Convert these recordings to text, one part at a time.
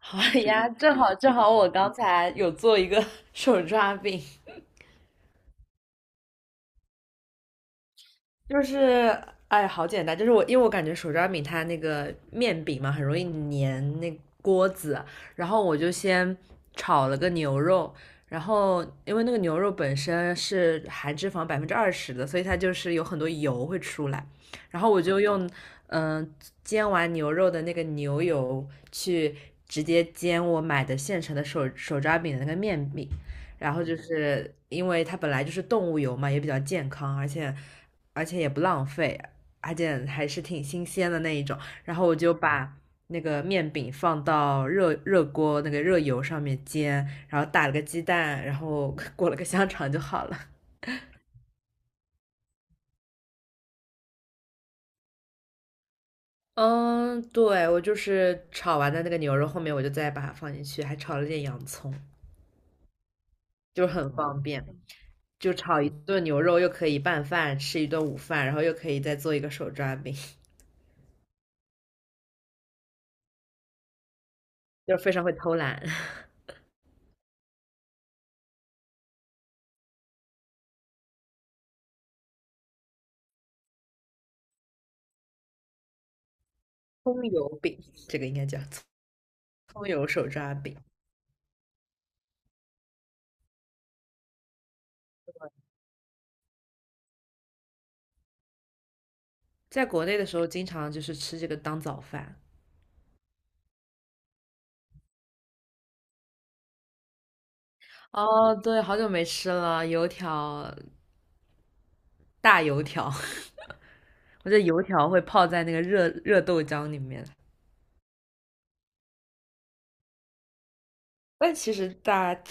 好呀，正好正好，我刚才有做一个 手抓饼，就是好简单，就是我因为我感觉手抓饼它那个面饼嘛，很容易粘那锅子，然后我就先炒了个牛肉，然后因为那个牛肉本身是含脂肪20%的，所以它就是有很多油会出来，然后我就用嗯、呃煎完牛肉的那个牛油去直接煎我买的现成的手抓饼的那个面饼。然后就是因为它本来就是动物油嘛，也比较健康，而且也不浪费，而且还是挺新鲜的那一种。然后我就把那个面饼放到热锅那个热油上面煎，然后打了个鸡蛋，然后 裹了个香肠就好了。嗯，对，我就是炒完的那个牛肉，后面我就再把它放进去，还炒了点洋葱，就是很方便。就炒一顿牛肉，又可以拌饭，吃一顿午饭，然后又可以再做一个手抓饼。就是非常会偷懒，葱油饼，这个应该叫葱油手抓饼。在国内的时候，经常就是吃这个当早饭。哦，对，好久没吃了，油条，大油条，我觉得油条会泡在那个热热豆浆里面。但其实大家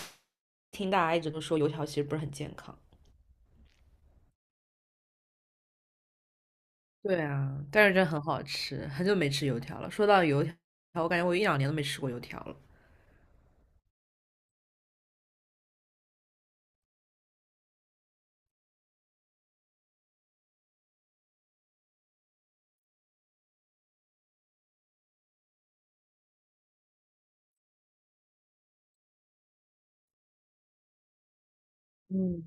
听大家一直都说油条其实不是很健康。对啊，但是真的很好吃，很久没吃油条了。说到油条，我感觉我一两年都没吃过油条了。嗯，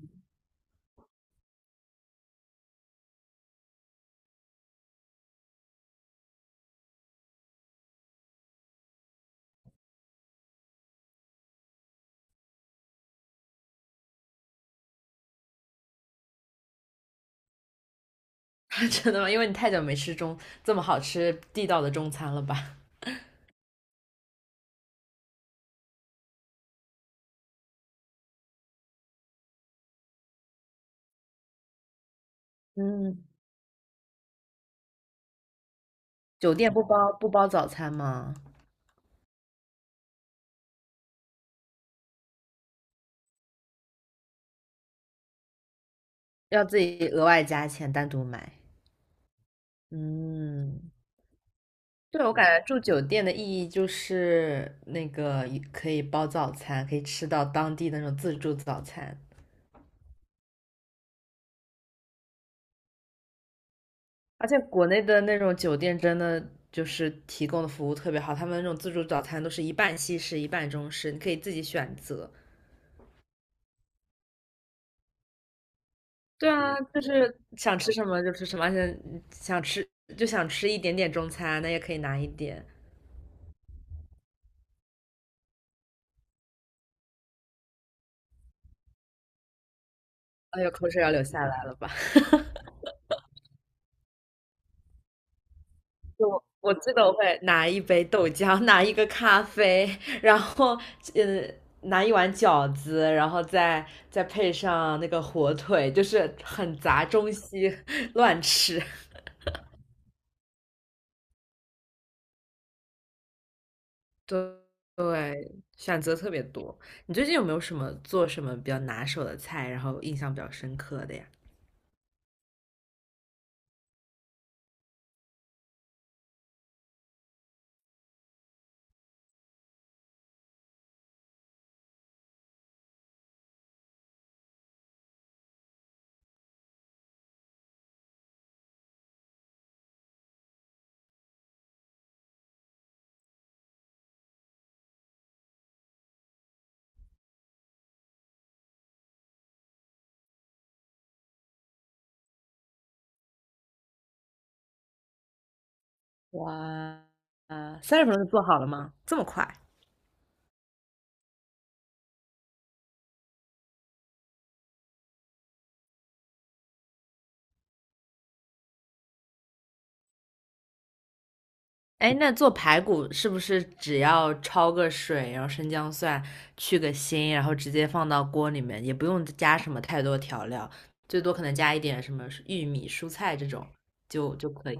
真的吗？因为你太久没吃这么好吃地道的中餐了吧？嗯，酒店不包早餐吗？要自己额外加钱单独买。嗯，对，我感觉住酒店的意义就是那个可以包早餐，可以吃到当地的那种自助早餐。而且国内的那种酒店真的就是提供的服务特别好，他们那种自助早餐都是一半西式一半中式，你可以自己选择。对啊，就是想吃什么就吃什么，而且想吃想吃一点点中餐，那也可以拿一点。哎呦，口水要流下来了吧？就我记得我会拿一杯豆浆，拿一个咖啡，然后嗯，拿一碗饺子，然后再配上那个火腿，就是很杂，中西 乱吃。对对，选择特别多。你最近有没有什么做什么比较拿手的菜，然后印象比较深刻的呀？哇，30分钟就做好了吗？这么快？哎，那做排骨是不是只要焯个水，然后生姜蒜去个腥，然后直接放到锅里面，也不用加什么太多调料，最多可能加一点什么玉米、蔬菜这种就可以。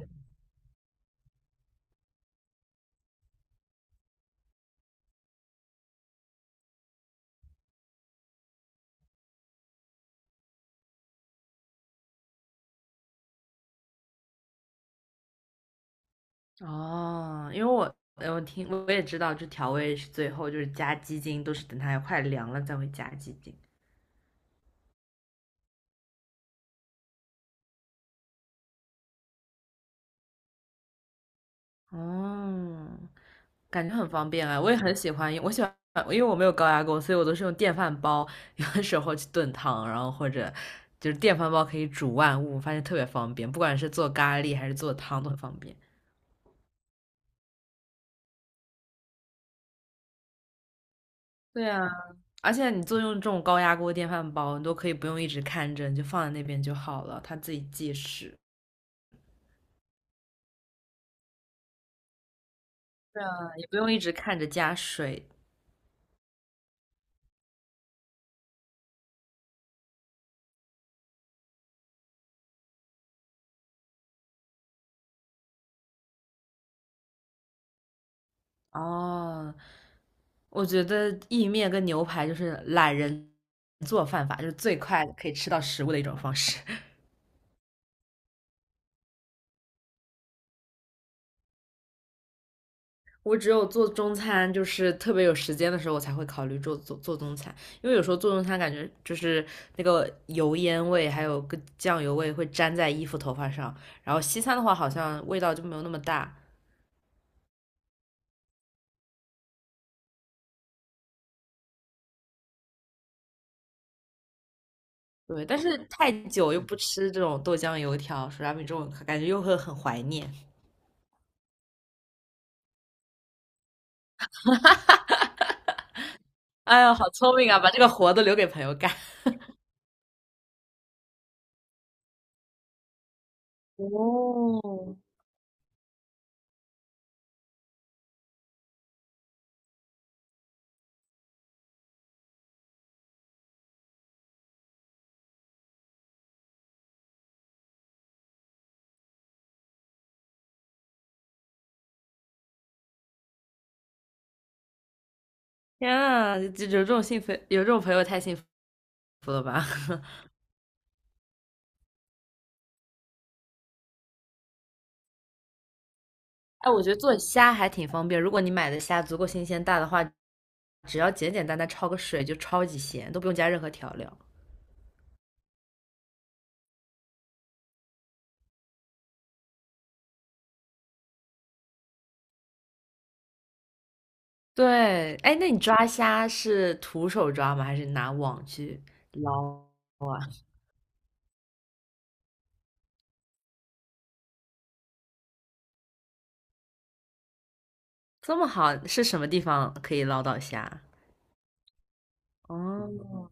哦，因为我我也知道，就调味是最后就是加鸡精，都是等它快凉了才会加鸡精。哦，感觉很方便啊，我也很喜欢，因为我没有高压锅，所以我都是用电饭煲，有的时候去炖汤，然后或者就是电饭煲可以煮万物，发现特别方便，不管是做咖喱还是做汤都很方便。对啊，而且你用这种高压锅、电饭煲，你都可以不用一直看着，你就放在那边就好了，它自己计时，啊也不用一直看着加水。哦，我觉得意面跟牛排就是懒人做饭法，就是最快可以吃到食物的一种方式。我只有做中餐，就是特别有时间的时候，我才会考虑做中餐，因为有时候做中餐感觉就是那个油烟味，还有个酱油味会粘在衣服、头发上。然后西餐的话，好像味道就没有那么大。对，但是太久又不吃这种豆浆油条、手抓饼这种，感觉又会很怀念。哎呦，好聪明啊，把这个活都留给朋友干。哦，天啊，就有这种幸福，有这种朋友太幸福。哎，我觉得做虾还挺方便，如果你买的虾足够新鲜大的话，只要简简单单焯个水就超级鲜，都不用加任何调料。对，哎，那你抓虾是徒手抓吗？还是拿网去捞啊？这么好，是什么地方可以捞到虾？哦，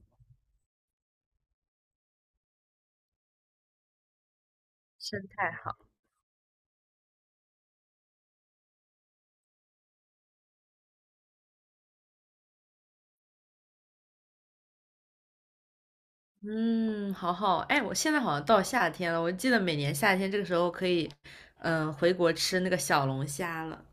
生态好，嗯，好好。哎，我现在好像到夏天了，我记得每年夏天这个时候可以，嗯，回国吃那个小龙虾了，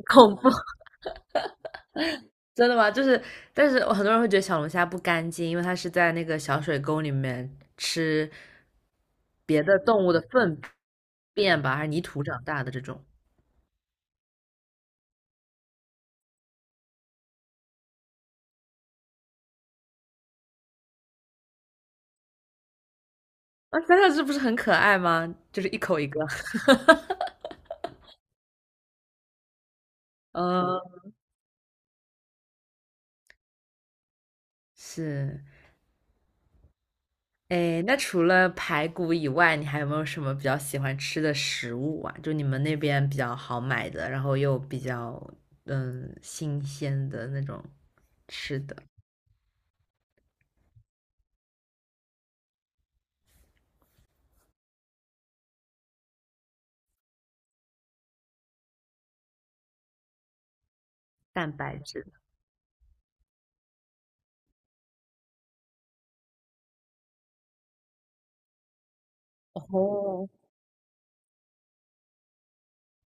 恐怖。真的吗？就是，但是很多人会觉得小龙虾不干净，因为它是在那个小水沟里面吃别的动物的粪便吧，还是泥土长大的这种。啊，想想这不是很可爱吗？就是一口一个。嗯，是。哎，那除了排骨以外，你还有没有什么比较喜欢吃的食物啊？就你们那边比较好买的，然后又比较新鲜的那种吃的，蛋白质的哦，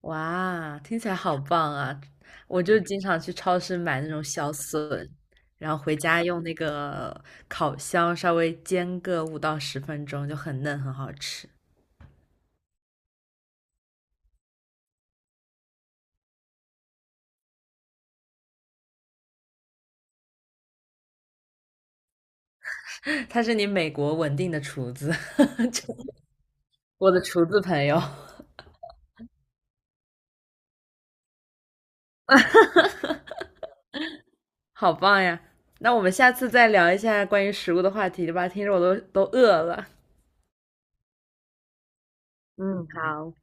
哇，听起来好棒啊！我就经常去超市买那种小笋，然后回家用那个烤箱稍微煎个5到10分钟，就很嫩，很好吃。他是你美国稳定的厨子，就我的厨子朋友，好棒呀！那我们下次再聊一下关于食物的话题吧，听着我都饿了。嗯，好。